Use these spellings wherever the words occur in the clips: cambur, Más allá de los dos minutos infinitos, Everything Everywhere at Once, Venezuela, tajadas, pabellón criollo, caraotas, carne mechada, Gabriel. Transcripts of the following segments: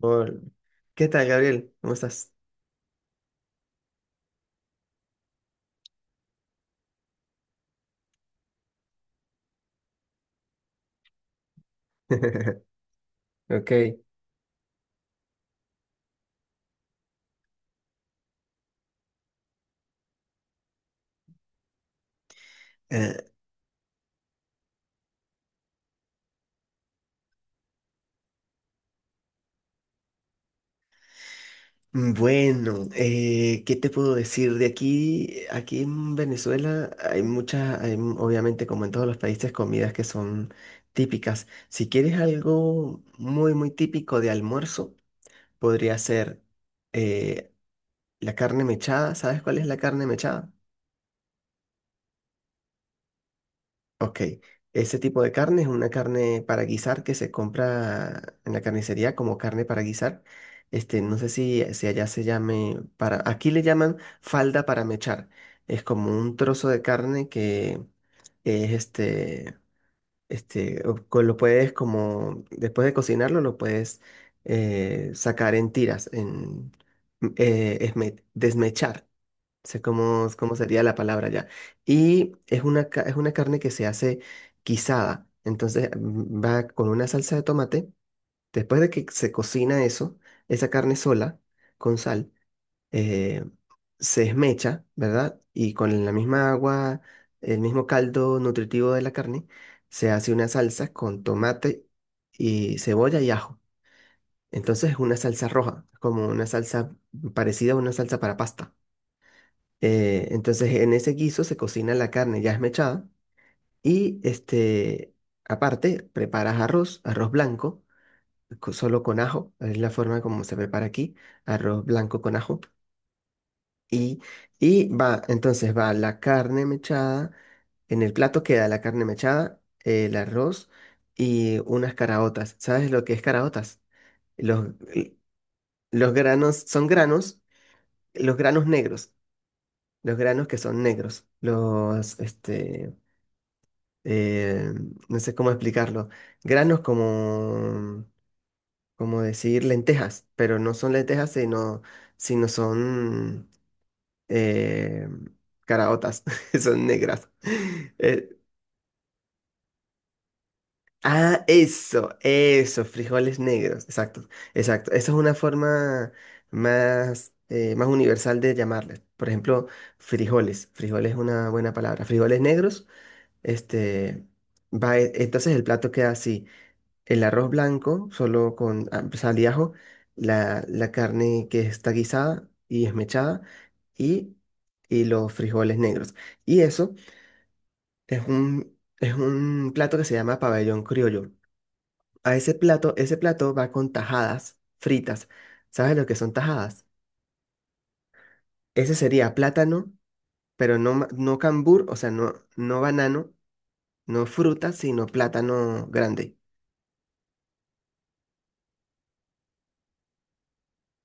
Hola. ¿Qué tal, Gabriel? ¿Cómo estás? Ok. Bueno, ¿qué te puedo decir? Aquí en Venezuela hay muchas, obviamente como en todos los países, comidas que son típicas. Si quieres algo muy, muy típico de almuerzo, podría ser eh, la carne mechada. ¿Sabes cuál es la carne mechada? Ok, ese tipo de carne es una carne para guisar que se compra en la carnicería como carne para guisar. Este, no sé si allá se llame para, aquí le llaman falda para mechar. Es como un trozo de carne que es este, lo puedes como, después de cocinarlo, lo puedes sacar en tiras, en desmechar sé cómo sería la palabra ya. Y es una carne que se hace guisada. Entonces va con una salsa de tomate. Después de que se cocina eso, esa carne sola, con sal, eh, se esmecha, ¿verdad? Y con la misma agua, el mismo caldo nutritivo de la carne, se hace una salsa con tomate y cebolla y ajo. Entonces es una salsa roja, como una salsa parecida a una salsa para pasta. Entonces, en ese guiso se cocina la carne ya esmechada y este, aparte, preparas arroz, arroz blanco, solo con ajo, es la forma como se prepara aquí, arroz blanco con ajo. Y, y entonces va la carne mechada, en el plato queda la carne mechada, el arroz y unas caraotas. ¿Sabes lo que es caraotas? Los, los granos son granos, los granos negros, los granos que son negros, este eh, no sé cómo explicarlo, granos como decir lentejas, pero no son lentejas, sino, son eh, caraotas, son negras. Eh, ah, eso, frijoles negros, exacto, exacto. Esa es una forma más universal de llamarles. Por ejemplo, frijoles, frijoles es una buena palabra, frijoles negros, este... Entonces el plato queda así. El arroz blanco, solo con sal y ajo, la carne que está guisada y esmechada y, y los frijoles negros. Y eso es un plato que se llama pabellón criollo. Ese plato va con tajadas fritas. ¿Sabes lo que son tajadas? Ese sería plátano, pero no, no cambur, o sea, no, no banano, no fruta, sino plátano grande.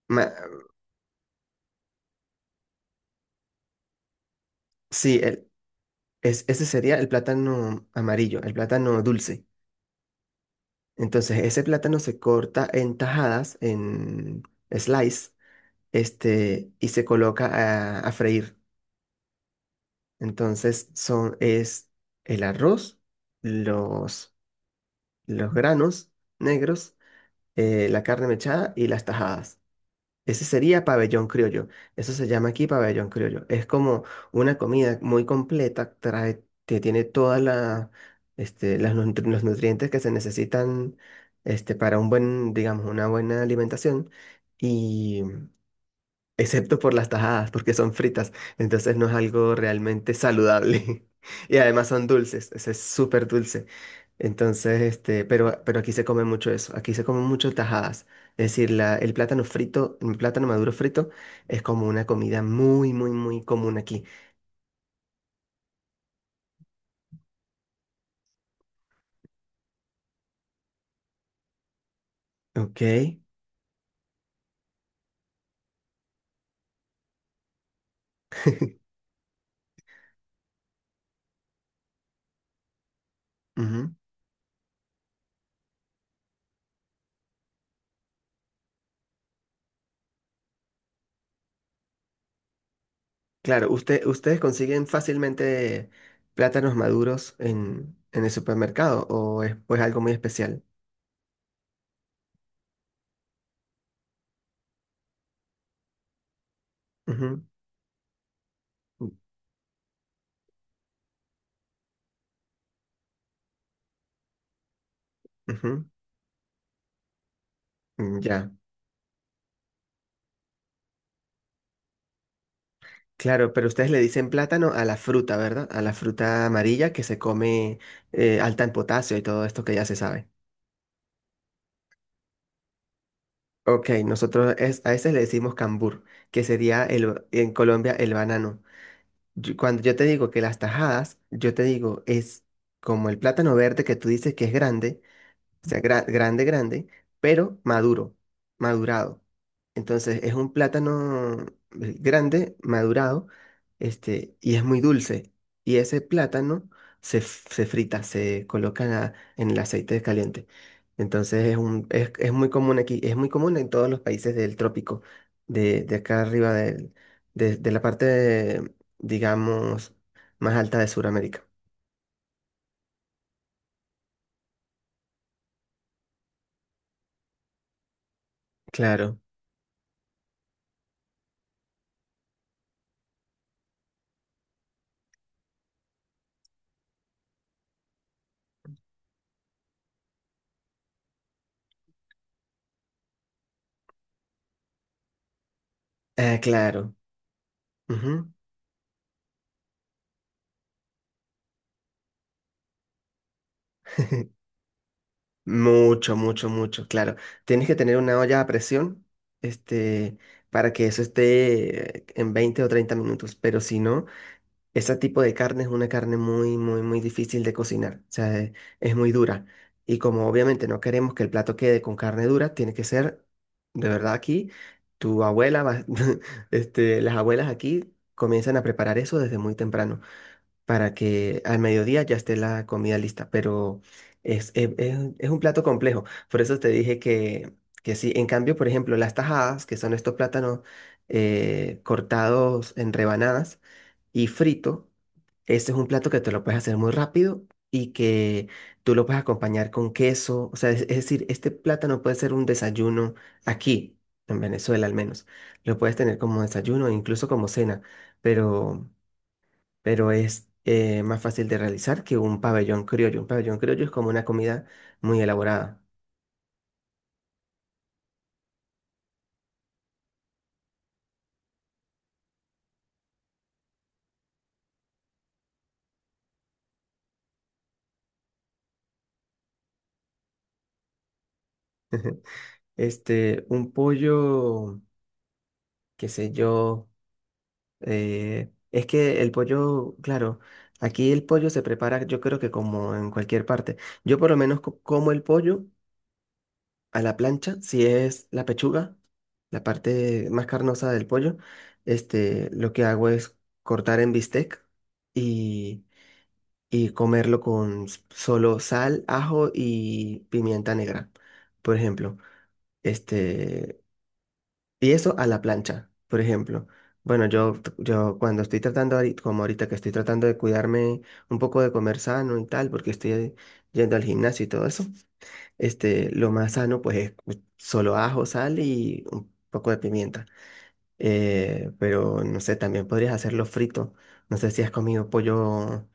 Ma- sí, ese sería el plátano amarillo, el plátano dulce. Entonces, ese plátano se corta en tajadas, en slice, este, y se coloca a freír. Entonces, es el arroz, los, los granos negros, la carne mechada y las tajadas. Ese sería pabellón criollo. Eso se llama aquí pabellón criollo. Es como una comida muy completa, que tiene todas este, los nutrientes que se necesitan este, para digamos, una buena alimentación. Excepto por las tajadas, porque son fritas, entonces no es algo realmente saludable. Y además son dulces, ese es súper dulce. Entonces, este, pero aquí se come mucho eso, aquí se comen mucho tajadas. Es decir, el plátano frito, el plátano maduro frito es como una comida muy, muy, muy común aquí. Ok. Ujú. Claro, ustedes consiguen fácilmente plátanos maduros en el supermercado o es pues algo muy especial. Ujú, u- ujú, mm, ya. Claro, pero ustedes le dicen plátano a la fruta, ¿verdad? A la fruta amarilla que se come alta en potasio y todo esto que ya se sabe. Ok, nosotros a ese le decimos cambur, que sería en Colombia el banano. Cuando yo te digo que las tajadas, yo te digo es como el plátano verde que tú dices que es grande, o sea, grande, grande, pero maduro, madurado. Entonces es un plátano grande, madurado, este, y es muy dulce. Y ese plátano se frita, se coloca en en el aceite caliente. Entonces es muy común aquí, es muy común en todos los países del trópico, de acá arriba de la parte, digamos, más alta de Sudamérica. Claro, claro. Mucho, mucho, mucho, claro. Tienes que tener una olla a presión, este, para que eso esté en 20 o 30 minutos, pero si no, ese tipo de carne es una carne muy, muy, muy difícil de cocinar, o sea, es muy dura. Y como obviamente no queremos que el plato quede con carne dura, tiene que ser, de verdad aquí, tu abuela, este, las abuelas aquí comienzan a preparar eso desde muy temprano para que al mediodía ya esté la comida lista, pero es un plato complejo. Por eso te dije que sí. En cambio, por ejemplo, las tajadas, que son estos plátanos cortados en rebanadas y frito, este es un plato que te lo puedes hacer muy rápido y que tú lo puedes acompañar con queso. O sea, es decir, este plátano puede ser un desayuno aquí, en Venezuela al menos. Lo puedes tener como desayuno, incluso como cena, pero es más fácil de realizar que un pabellón criollo. Un pabellón criollo es como una comida muy elaborada. Este, un pollo, qué sé yo, es que el pollo, claro, aquí el pollo se prepara, yo creo que como en cualquier parte. Yo por lo menos como el pollo a la plancha, si es la pechuga, la parte más carnosa del pollo, este, lo que hago es cortar en bistec y comerlo con solo sal, ajo y pimienta negra, por ejemplo. Este, y eso a la plancha, por ejemplo. Bueno, yo cuando estoy tratando, como ahorita que estoy tratando de cuidarme un poco de comer sano y tal, porque estoy yendo al gimnasio y todo eso, este, lo más sano pues es solo ajo, sal y un poco de pimienta. Pero no sé, también podrías hacerlo frito. No sé si has comido pollo,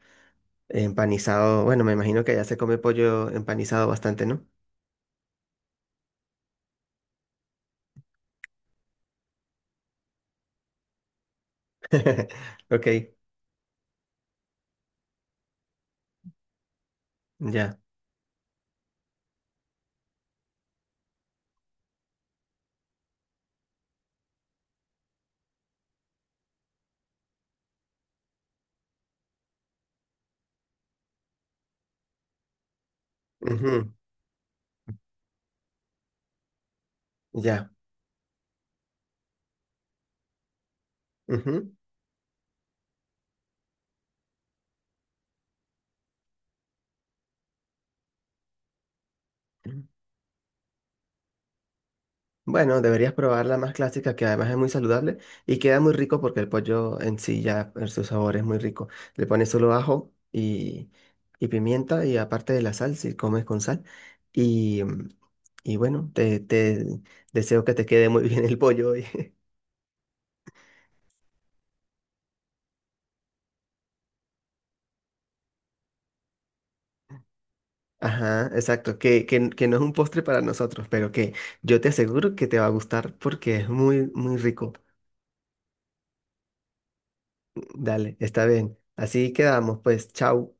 empanizado, bueno, me imagino que ya se come pollo empanizado bastante, ¿no? Ok, ya. Ujú, ya. Ujú. Bueno, deberías probar la más clásica, que además es muy saludable y queda muy rico porque el pollo en sí ya, en su sabor es muy rico. Le pones solo ajo y pimienta y aparte de la sal, si comes con sal. Y, mm, y bueno, te deseo que te quede muy bien el pollo hoy. Ajá, exacto, que no es un postre para nosotros, pero que yo te aseguro que te va a gustar porque es muy, muy rico. Dale, está bien. Así quedamos, pues, chao.